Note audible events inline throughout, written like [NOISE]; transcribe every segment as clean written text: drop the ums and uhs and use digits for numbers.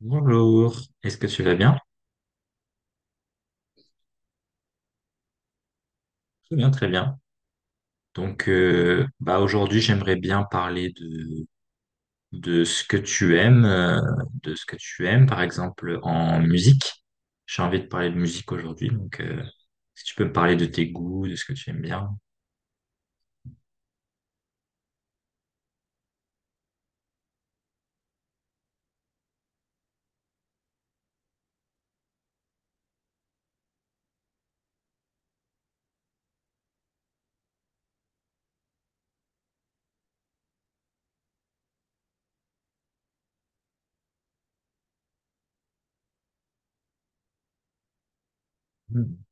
Bonjour, est-ce que tu vas bien? Très bien, très bien. Donc, aujourd'hui, j'aimerais bien parler de ce que tu aimes, de ce que tu aimes, par exemple en musique. J'ai envie de parler de musique aujourd'hui, donc si tu peux me parler de tes goûts, de ce que tu aimes bien. Mm.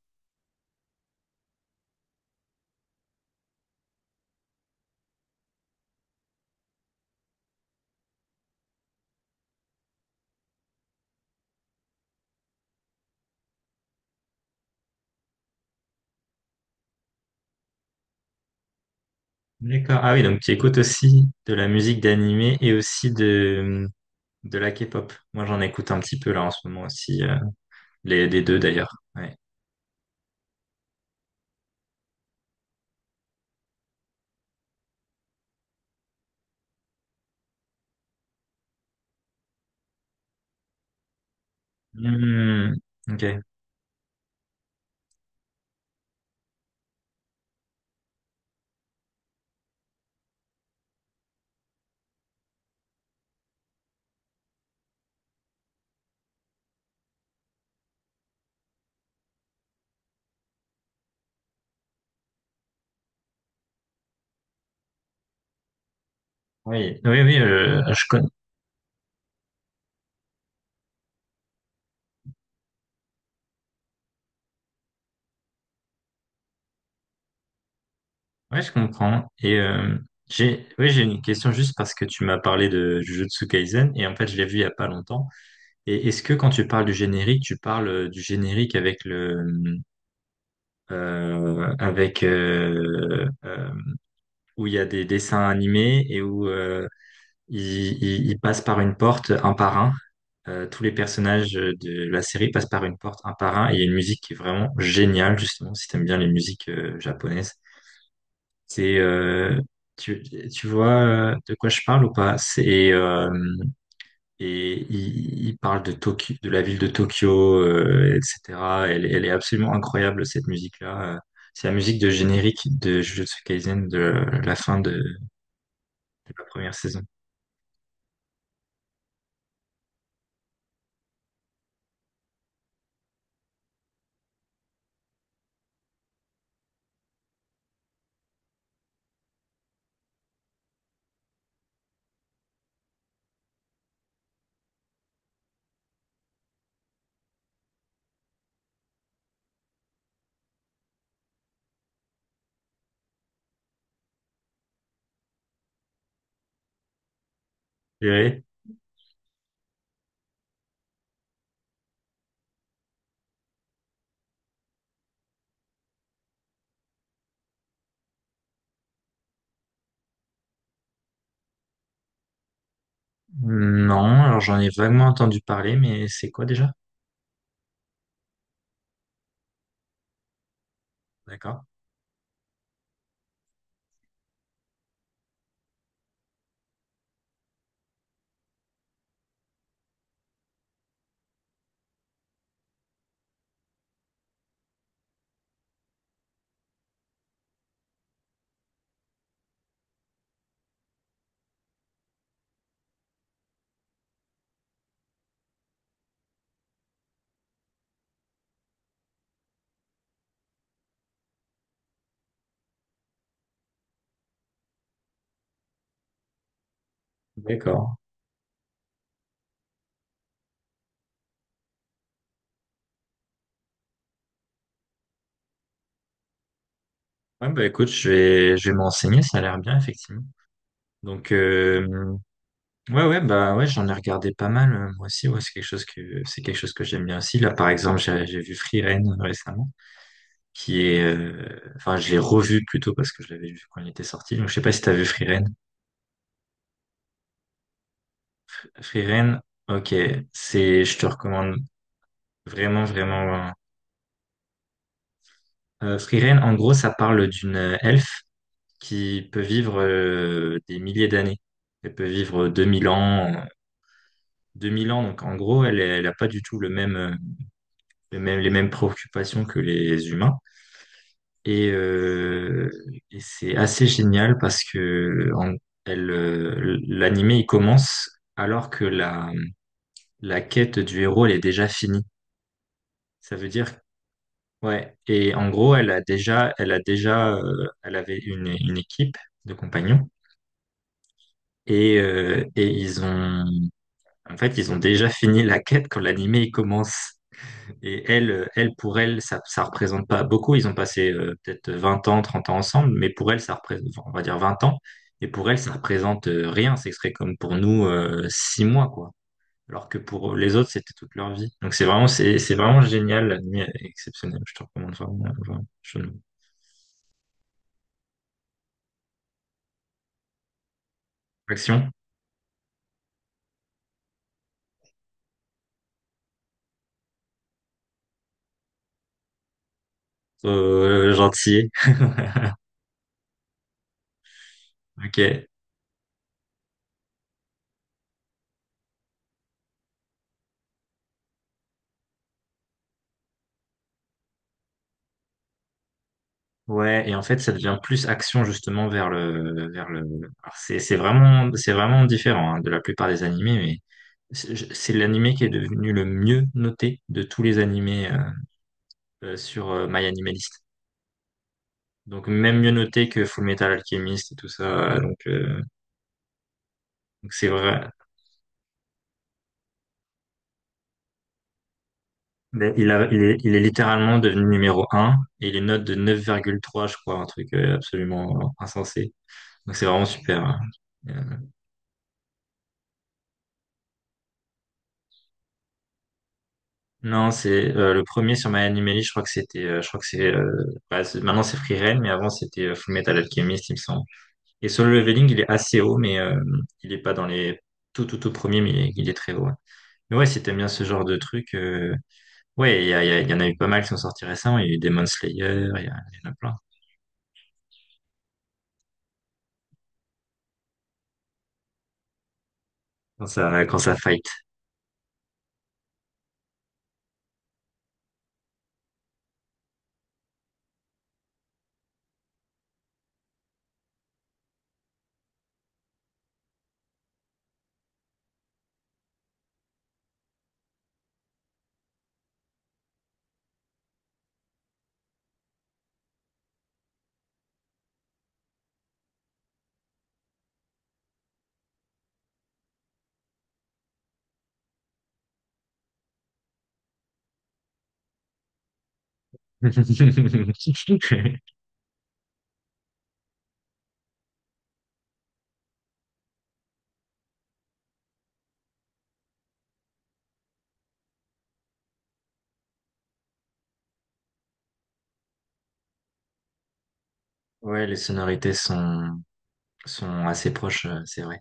D'accord. Ah oui, donc tu écoutes aussi de la musique d'animé et aussi de la K-pop. Moi, j'en écoute un petit peu là en ce moment aussi, les deux d'ailleurs. Ouais. Hmm, ok. Oui, oui, oui, je connais. Ouais, je comprends. Et oui, j'ai une question juste parce que tu m'as parlé de Jujutsu Kaisen et en fait, je l'ai vu il y a pas longtemps. Et est-ce que quand tu parles du générique, tu parles du générique avec euh, avec euh, euh, où il y a des dessins animés et où ils passent par une porte un par un. Tous les personnages de la série passent par une porte un par un. Et il y a une musique qui est vraiment géniale, justement, si t'aimes bien les musiques japonaises. C'est, euh, tu, tu vois de quoi je parle ou pas? Et il parle de Tokyo, de la ville de Tokyo, etc. Elle est absolument incroyable, cette musique-là. C'est la musique de générique de Jujutsu Kaisen de la fin de la première saison. Non, alors j'en ai vaguement entendu parler, mais c'est quoi déjà? D'accord. D'accord. Ouais, bah écoute, je vais me renseigner, ça a l'air bien, effectivement. Donc, ouais, ouais, bah ouais, j'en ai regardé pas mal, moi aussi, ouais, c'est quelque chose que j'aime bien aussi. Là, par exemple, j'ai vu Free Rein récemment, qui est, enfin, je l'ai revu plutôt parce que je l'avais vu quand il était sorti, donc je sais pas si t'as vu Free Rein. Free Rein, ok, c'est, je te recommande vraiment, vraiment, Free Rein, en gros, ça parle d'une elfe qui peut vivre des milliers d'années. Elle peut vivre 2000 ans, 2000 ans. Donc en gros, elle, elle a pas du tout le même, les mêmes préoccupations que les humains. Et, euh, et c'est assez génial parce que elle, l'animé il commence alors que la quête du héros elle est déjà finie. Ça veut dire ouais. Et en gros, elle a déjà, elle avait une équipe de compagnons. Et ils ont En fait, ils ont déjà fini la quête quand l'animé il commence. Et elle, ça représente pas beaucoup. Ils ont passé peut-être 20 ans, 30 ans ensemble, mais pour elle, enfin, on va dire 20 ans. Et pour elle, ça représente rien. Ce serait comme pour nous, 6 mois, quoi. Alors que pour les autres, c'était toute leur vie. Donc c'est vraiment, c'est vraiment génial. L'animé est exceptionnel. Je te recommande vraiment, vraiment, Action. Gentil. [LAUGHS] Ok. Ouais, et en fait, ça devient plus action justement vers vers le. Alors, c'est vraiment différent hein, de la plupart des animés, mais c'est c'est l'animé qui est devenu le mieux noté de tous les animés sur MyAnimalist. Donc même mieux noté que Fullmetal Alchemist et tout ça. Donc c'est vrai. Mais il est littéralement devenu numéro un et il est note de 9,3, je crois, un truc absolument insensé. Donc c'est vraiment super, hein. Euh, Non, c'est le premier sur My Anime je crois que c'était, je crois que c'est, bah, c'est- maintenant c'est Free Reign, mais avant c'était Fullmetal Alchemist, il me semble. Et Solo Leveling, il est assez haut, mais il est pas dans les tout tout tout premiers, mais il est très haut, ouais. Mais ouais, si t'aimes bien ce genre de truc, ouais, il y en a eu pas mal qui sont sortis récemment. Il y a eu Demon Slayer, il y en a plein. Quand ça fight. [LAUGHS] Ouais, les sonorités sont assez proches, c'est vrai.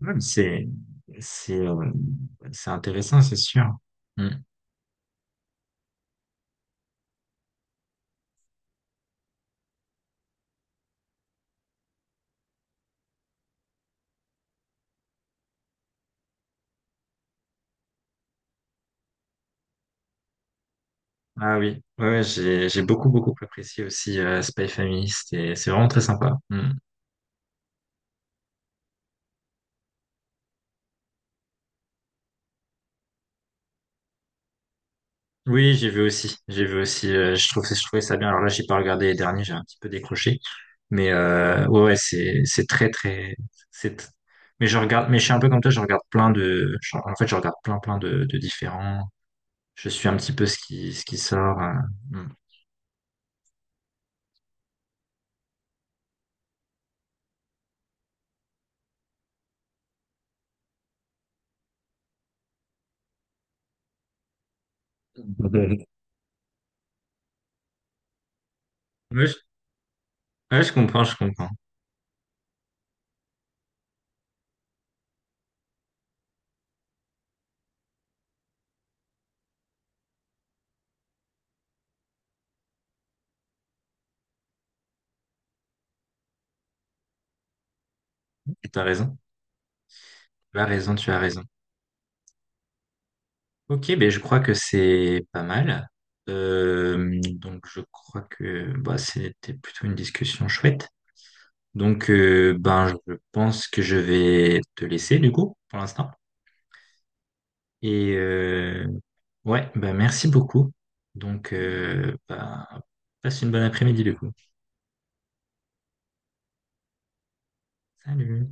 Ouais, mais c'est, c'est, euh, c'est intéressant, c'est sûr. Mm. Ah oui, ouais, ouais, j'ai beaucoup, beaucoup apprécié aussi Spy Family. C'est vraiment très sympa. Mm. Oui, j'ai vu aussi. J'ai vu aussi. Je trouvais ça bien. Alors là, j'ai pas regardé les derniers, j'ai un petit peu décroché. Mais ouais, ouais, c'est très, très, c'est. tr- mais je regarde. Mais je suis un peu comme toi. Je regarde plein en fait, je regarde plein, plein de différents. Je suis un petit peu ce qui sort, mm. [LAUGHS] Ouais, je ouais, je comprends, je comprends. T'as raison. Tu as raison, tu as raison. Ok, ben je crois que c'est pas mal. Donc je crois que bah, c'était plutôt une discussion chouette. Donc ben je pense que je vais te laisser du coup pour l'instant. Et ouais, ben merci beaucoup. Donc ben, passe une bonne après-midi du coup. Salut.